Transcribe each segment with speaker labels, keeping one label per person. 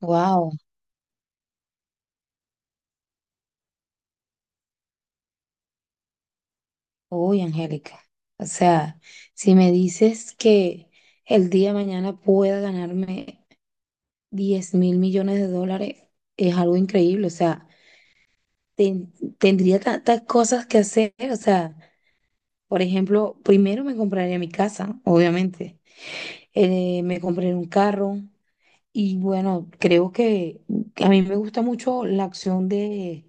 Speaker 1: Wow, uy, Angélica. O sea, si me dices que el día de mañana pueda ganarme 10.000 millones de dólares, es algo increíble. O sea, ten- tendría tantas cosas que hacer. O sea, por ejemplo, primero me compraría mi casa, obviamente. Me compré un carro. Y bueno, creo que a mí me gusta mucho la acción de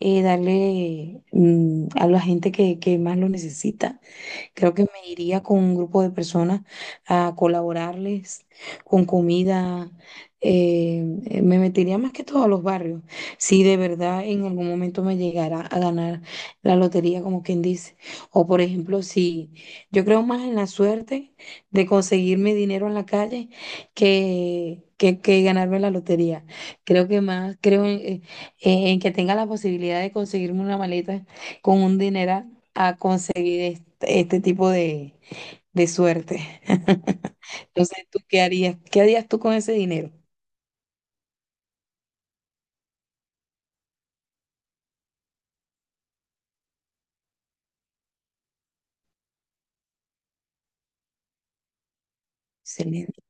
Speaker 1: darle a la gente que más lo necesita. Creo que me iría con un grupo de personas a colaborarles con comida. Me metería más que todo a los barrios. Si de verdad en algún momento me llegara a ganar la lotería, como quien dice. O por ejemplo, si yo creo más en la suerte de conseguirme dinero en la calle que ganarme la lotería. Creo que más, creo en que tenga la posibilidad de conseguirme una maleta con un dineral a conseguir este tipo de suerte. Entonces, ¿tú qué harías? ¿Qué harías tú con ese dinero? Excelente.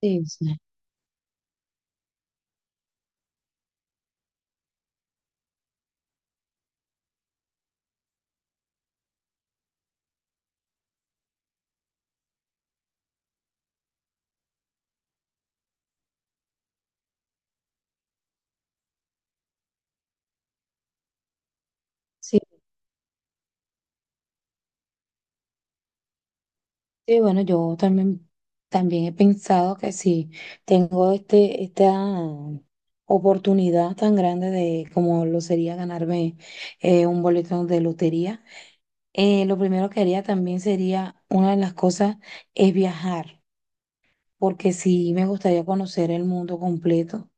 Speaker 1: Sí, sí, sí, sí, bueno, yo también, también he pensado que si tengo esta oportunidad tan grande de como lo sería ganarme un boleto de lotería, lo primero que haría también sería, una de las cosas es viajar. Porque sí me gustaría conocer el mundo completo.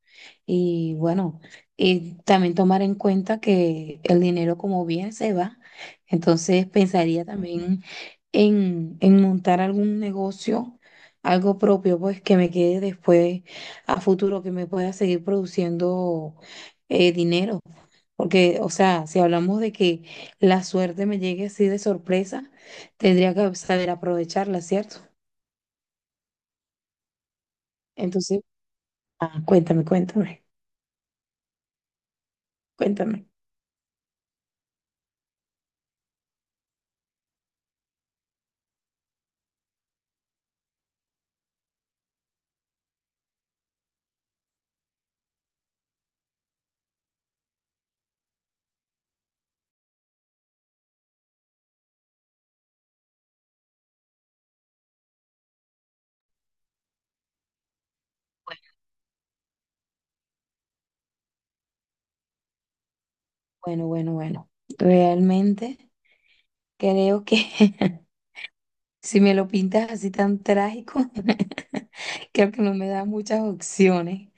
Speaker 1: Y bueno, y también tomar en cuenta que el dinero como bien se va. Entonces pensaría también en montar algún negocio, algo propio, pues que me quede después a futuro, que me pueda seguir produciendo dinero. Porque, o sea, si hablamos de que la suerte me llegue así de sorpresa, tendría que saber aprovecharla, ¿cierto? Entonces, ah, cuéntame, cuéntame. Cuéntame. Bueno, bueno, bueno. Realmente creo que si me lo pintas así tan trágico, creo que no me da muchas opciones.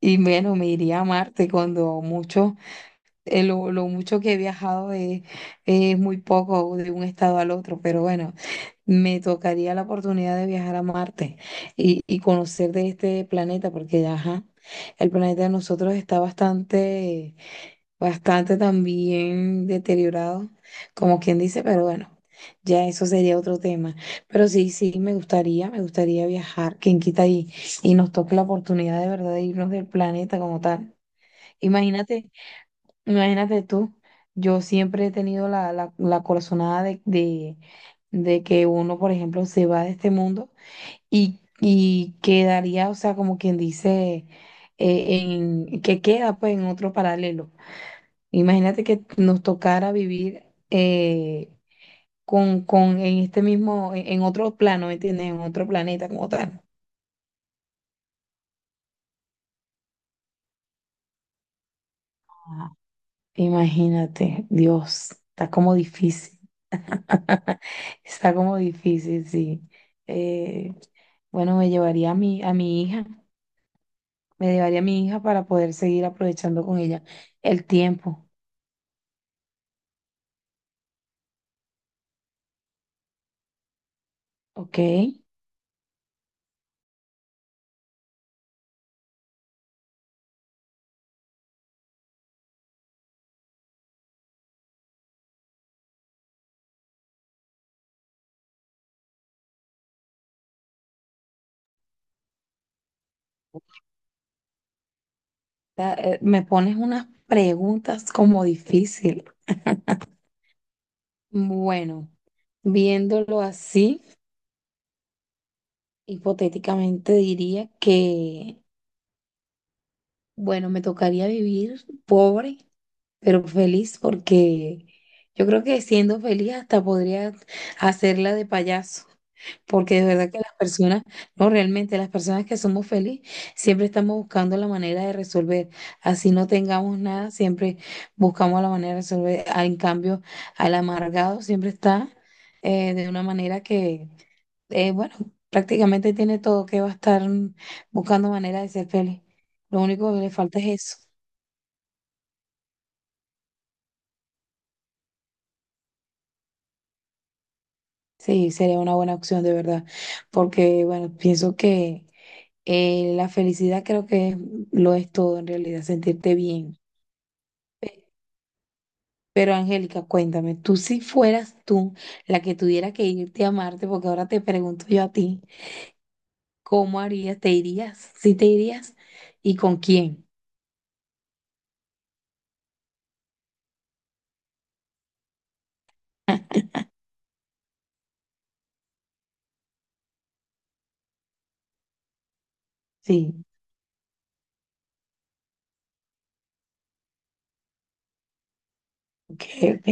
Speaker 1: Y bueno, me iría a Marte cuando mucho, lo mucho que he viajado es muy poco de un estado al otro, pero bueno, me tocaría la oportunidad de viajar a Marte y conocer de este planeta, porque ajá, el planeta de nosotros está bastante bastante también deteriorado, como quien dice, pero bueno, ya eso sería otro tema. Pero sí, sí, me gustaría viajar, quien quita y nos toque la oportunidad de verdad de irnos del planeta como tal. Imagínate, imagínate tú, yo siempre he tenido la corazonada de que uno, por ejemplo, se va de este mundo y quedaría, o sea, como quien dice, eh, que queda pues en otro paralelo. Imagínate que nos tocara vivir eh, con en este mismo, en otro plano, ¿me entiendes? En otro planeta como tal. Ajá. Imagínate, Dios, está como difícil, está como difícil, sí. Eh, bueno, me llevaría a a mi hija, me llevaría a mi hija para poder seguir aprovechando con ella el tiempo, ¿ok? Me pones unas preguntas como difícil. Bueno, viéndolo así. Hipotéticamente diría que, bueno, me tocaría vivir pobre, pero feliz, porque yo creo que siendo feliz hasta podría hacerla de payaso, porque de verdad que las personas, no, realmente las personas que somos felices, siempre estamos buscando la manera de resolver. Así no tengamos nada, siempre buscamos la manera de resolver. Ah, en cambio, al amargado siempre está de una manera que bueno, prácticamente tiene todo que va a estar buscando manera de ser feliz. Lo único que le falta es eso. Sí, sería una buena opción de verdad, porque bueno, pienso que la felicidad creo que lo es todo en realidad, sentirte bien. Pe- Pero Angélica, cuéntame, tú si fueras tú la que tuviera que irte a Marte, porque ahora te pregunto yo a ti, ¿cómo harías? ¿Te irías? ¿Sí te irías? ¿Y con quién? Sí, ok, ok.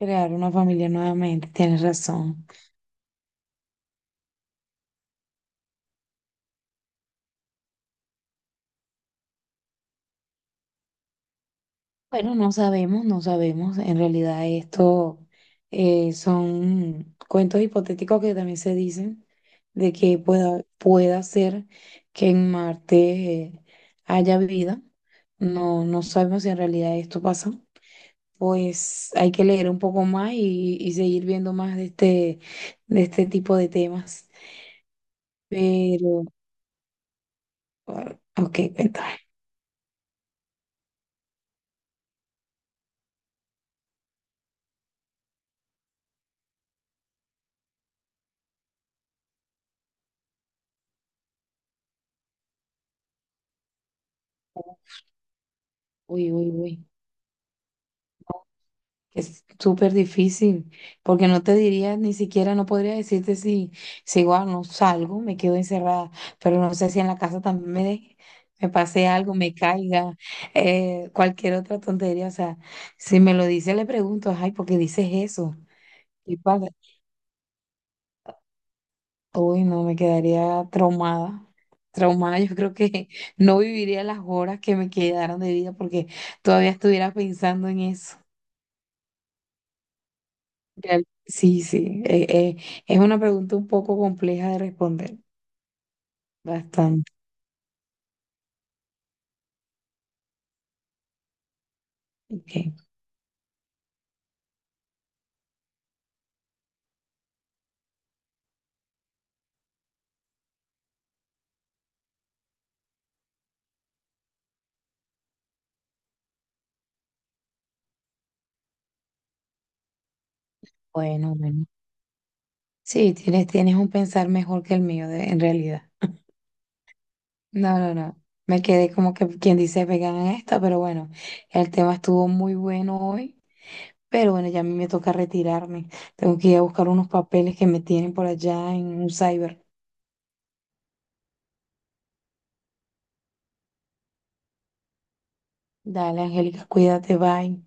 Speaker 1: Crear una familia nuevamente, tienes razón. Bueno, no sabemos, no sabemos. En realidad esto son cuentos hipotéticos que también se dicen de que pueda, pueda ser que en Marte eh, haya vida. No, no sabemos si en realidad esto pasa. Pues hay que leer un poco más y seguir viendo más de este tipo de temas. Pero, ah, ok, cuéntame. Uy, uy, uy. Es súper difícil, porque no te diría, ni siquiera no podría decirte si, si igual no salgo, me quedo encerrada, pero no sé si en la casa también me pase algo, me caiga, cualquier otra tontería. O sea, si me lo dice, le pregunto, ay, ¿por qué dices eso? ¿Qué pasa? Uy, no, me quedaría traumada. Traumada, yo creo que no viviría las horas que me quedaron de vida porque todavía estuviera pensando en eso. Sí, sí, es una pregunta un poco compleja de responder, bastante. Ok, bueno, bueno. Sí, tienes, tienes un pensar mejor que el mío, en realidad. No, no, no. Me quedé como que quien dice vegana en esta, pero bueno, el tema estuvo muy bueno hoy, pero bueno, ya a mí me toca retirarme. Tengo que ir a buscar unos papeles que me tienen por allá en un cyber. Dale, Angélica, cuídate, bye.